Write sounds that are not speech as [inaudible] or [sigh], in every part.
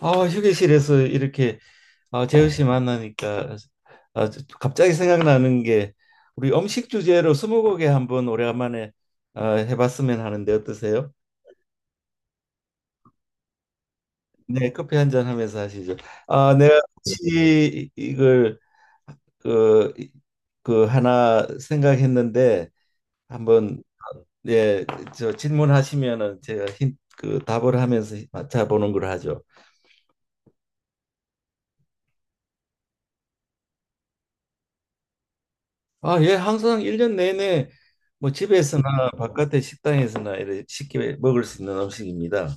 휴게실에서 이렇게 재우 씨 만나니까 갑자기 생각나는 게 우리 음식 주제로 스무고개 한번 오래간만에 해봤으면 하는데 어떠세요? 네, 커피 한 잔 하면서 하시죠. 아, 내가 혹시 이걸 그, 그 하나 생각했는데 한번, 예, 저 질문하시면은 제가 그 답을 하면서 맞춰보는 걸 하죠. 예, 항상 일 년 내내 뭐 집에서나 바깥에 식당에서나 이렇게 쉽게 먹을 수 있는 음식입니다.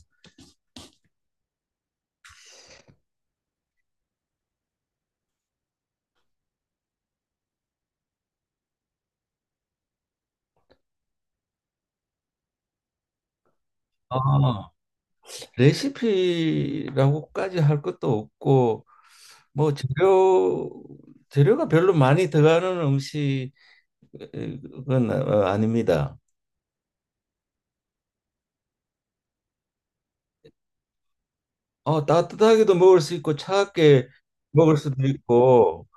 아, 레시피라고까지 할 것도 없고 뭐 재료가 별로 많이 들어가는 음식은 아닙니다. 어, 따뜻하게도 먹을 수 있고 차갑게 먹을 수도 있고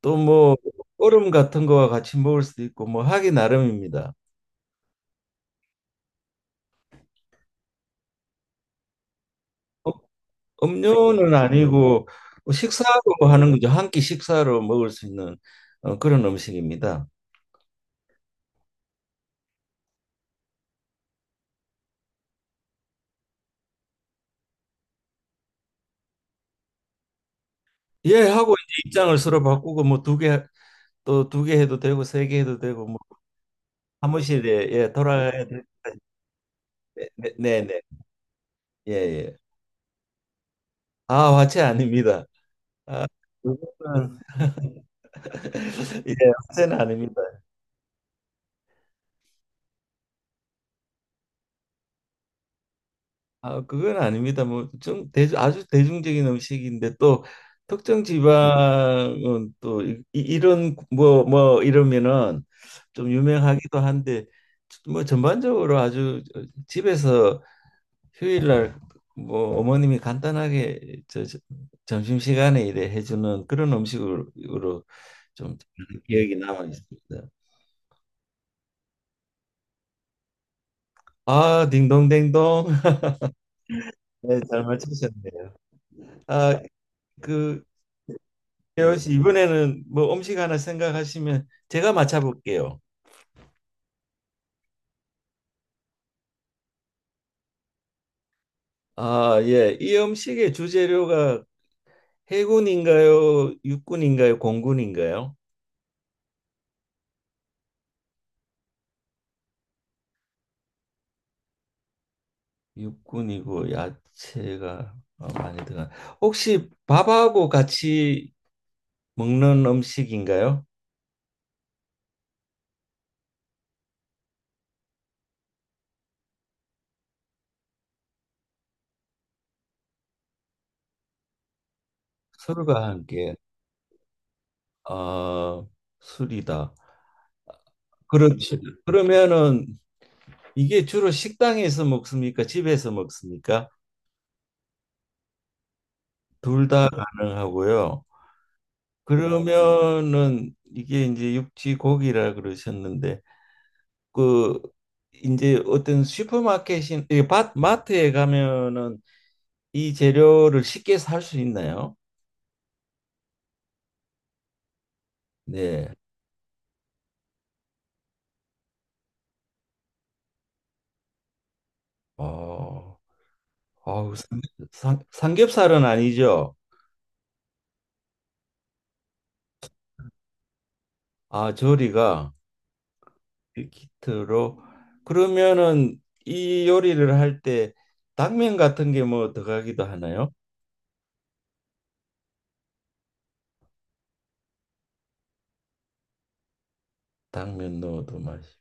또 뭐 얼음 같은 거와 같이 먹을 수도 있고 뭐 하기 나름입니다. 음료는 아니고, 뭐 식사하고 뭐 하는 거죠. 한 끼 식사로 먹을 수 있는 그런 음식입니다. 예 하고 이제 입장을 서로 바꾸고 뭐 두 개, 또 두 개 해도 되고 세 개 해도 되고 뭐 사무실에 예 돌아가야 될 네, 네, 네. 예, 예. 아, 화채 아닙니다. 아, 그거는 [laughs] 예, 화채는 아닙니다. 아, 그건 아닙니다. 뭐, 좀, 아주 대중적인 음식인데 또 특정 지방은 또 이런 뭐 이러면은 좀 유명하기도 한데 뭐 전반적으로 아주 집에서 휴일날 뭐 어머님이 간단하게 점심시간에 이래 해주는 그런 음식으로 좀 기억이 남아 있습니다. 아, 딩동댕동. 네, 잘 맞추셨네요. 아, 그 혜원 씨 이번에는 뭐 음식 하나 생각하시면 제가 맞춰볼게요. 아, 예. 이 음식의 주재료가 해군인가요? 육군인가요? 공군인가요? 육군이고 야채가 어, 많이 들어가. 혹시 밥하고 같이 먹는 음식인가요? 술과 함께. 아, 술이다. 그렇죠. 그러면은 이게 주로 식당에서 먹습니까? 집에서 먹습니까? 둘 다 가능하고요. 그러면은 이게 이제 육지 고기라 그러셨는데 그 이제 어떤 슈퍼마켓인 이 마트에 가면은 이 재료를 쉽게 살 수 있나요? 네. 어, 어우, 삼- 삼겹살은 아니죠. 아, 조리가 키트로, 그러면은 이 요리를 할 때 당면 같은 게 뭐 들어가기도 하나요? 당면 넣어도 맛이.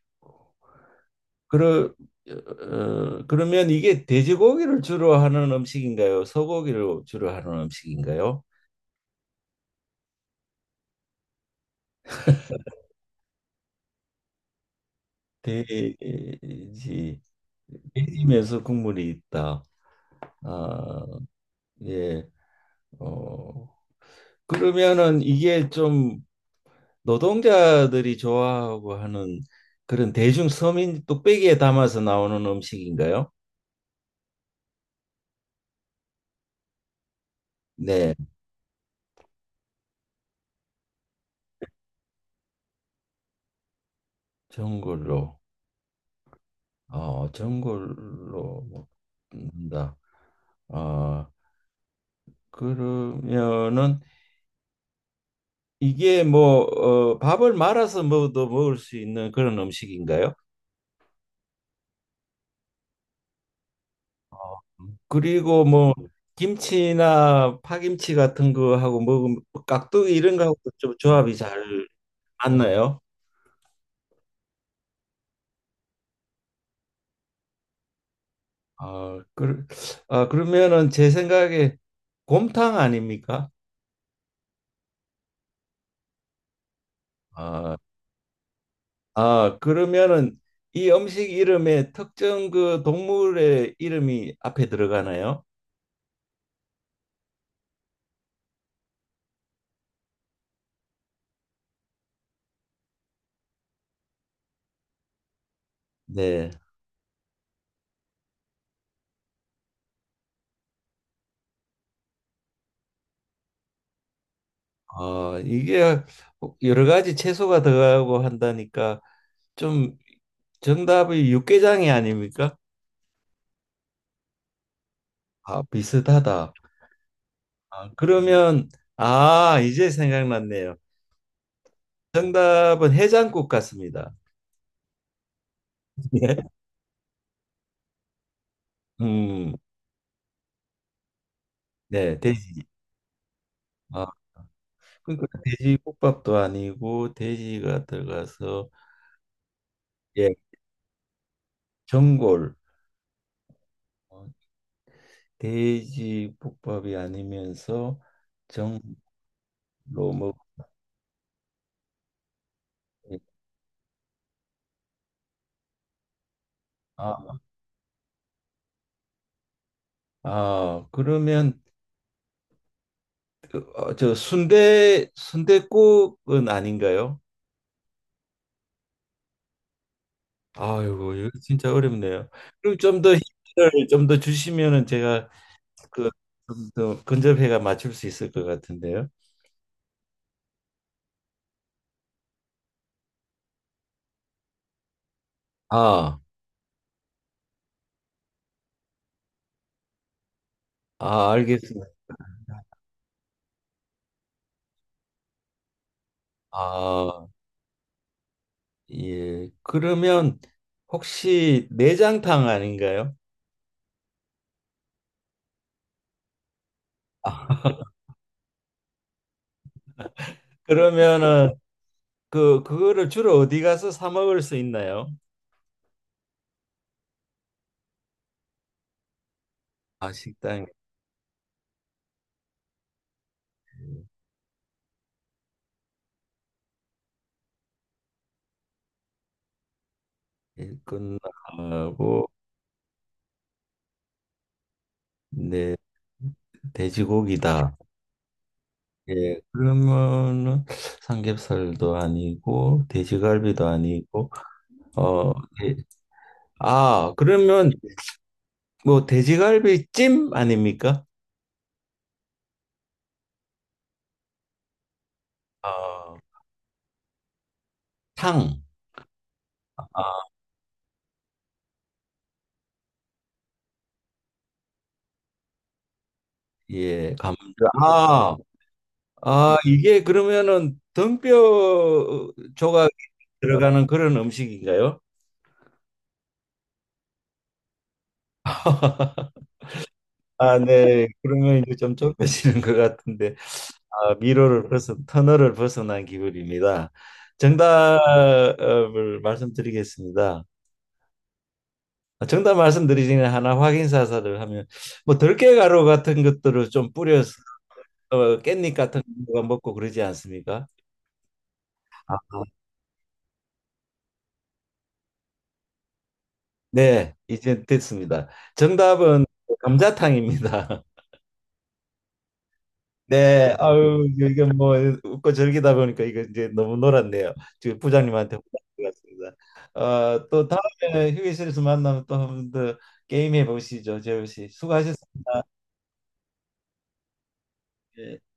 그러, 어, 그러면 이게 돼지고기를 주로 하는 음식인가요? 소고기를 주로 하는 음식인가요? 돼지, 돼지면서 국물이 있다. 아, 예. 어, 그러면은 이게 좀 노동자들이 좋아하고 하는 그런 대중 서민 뚝배기에 담아서 나오는 음식인가요? 네, 전골로. 어, 전골로 먹는다. 아, 그러면은 이게 뭐 어, 밥을 말아서 먹어도 먹을 수 있는 그런 음식인가요? 어, 그리고 뭐 김치나 파김치 같은 거하고 먹으면 깍두기 이런 거하고도 좀 조합이 잘 맞나요? 아, 그, 아 그러면은 제 생각에 곰탕 아닙니까? 아, 아 그러면은 이 음식 이름에 특정 그 동물의 이름이 앞에 들어가나요? 네. 어 이게 여러 가지 채소가 들어가고 한다니까 좀 정답이 육개장이 아닙니까? 아, 비슷하다. 아, 그러면, 아, 이제 생각났네요. 정답은 해장국 같습니다. [laughs] 네. 음, 네, 돼지. 아, 그러니까 돼지국밥도 아니고 돼지가 들어가서 예, 전골. 어, 돼지국밥이 아니면서 전골로 먹. 아, 아, 그러면 순대국은 아닌가요? 아이고, 이거 진짜 어렵네요. 그리고 좀 더 힌트를 좀 더 주시면은 제가 그좀더 근접해가 맞출 수 있을 것 같은데요. 아, 아, 알겠습니다. 아, 예. 그러면 혹시 내장탕 아닌가요? 아, [laughs] 그러면은 그 그거를 주로 어디 가서 사 먹을 수 있나요? 아, 식당에 있구나 하고, 네, 돼지고기다. 예, 그러면은 삼겹살도 아니고 돼지갈비도 아니고 어, 예. 아, 그러면 뭐 돼지갈비 찜 아닙니까? 어, 탕. 아, 예, 감자. 아, 아, 이게 그러면은 등뼈 조각이 들어가는 그런 음식인가요? [laughs] 아, 네. 그러면 이제 좀 좁혀지는 것 같은데, 미로를 벗은, 터널을 벗어난 기분입니다. 정답을 말씀드리겠습니다. 정답 말씀드리기 전에 하나 확인 사살을 하면, 뭐 들깨가루 같은 것들을 좀 뿌려서 깻잎 같은 거가 먹고 그러지 않습니까? 아, 네, 이제 됐습니다. 정답은 감자탕입니다. 네, 아유, 이게 뭐 웃고 즐기다 보니까 이거 이제 너무 놀았네요. 지금 부장님한테 혼났습니다. 어, 또 다음에 휴게실에서 만나면 또 한 번 더 게임 해보시죠, 재우 씨. 수고하셨습니다. 예.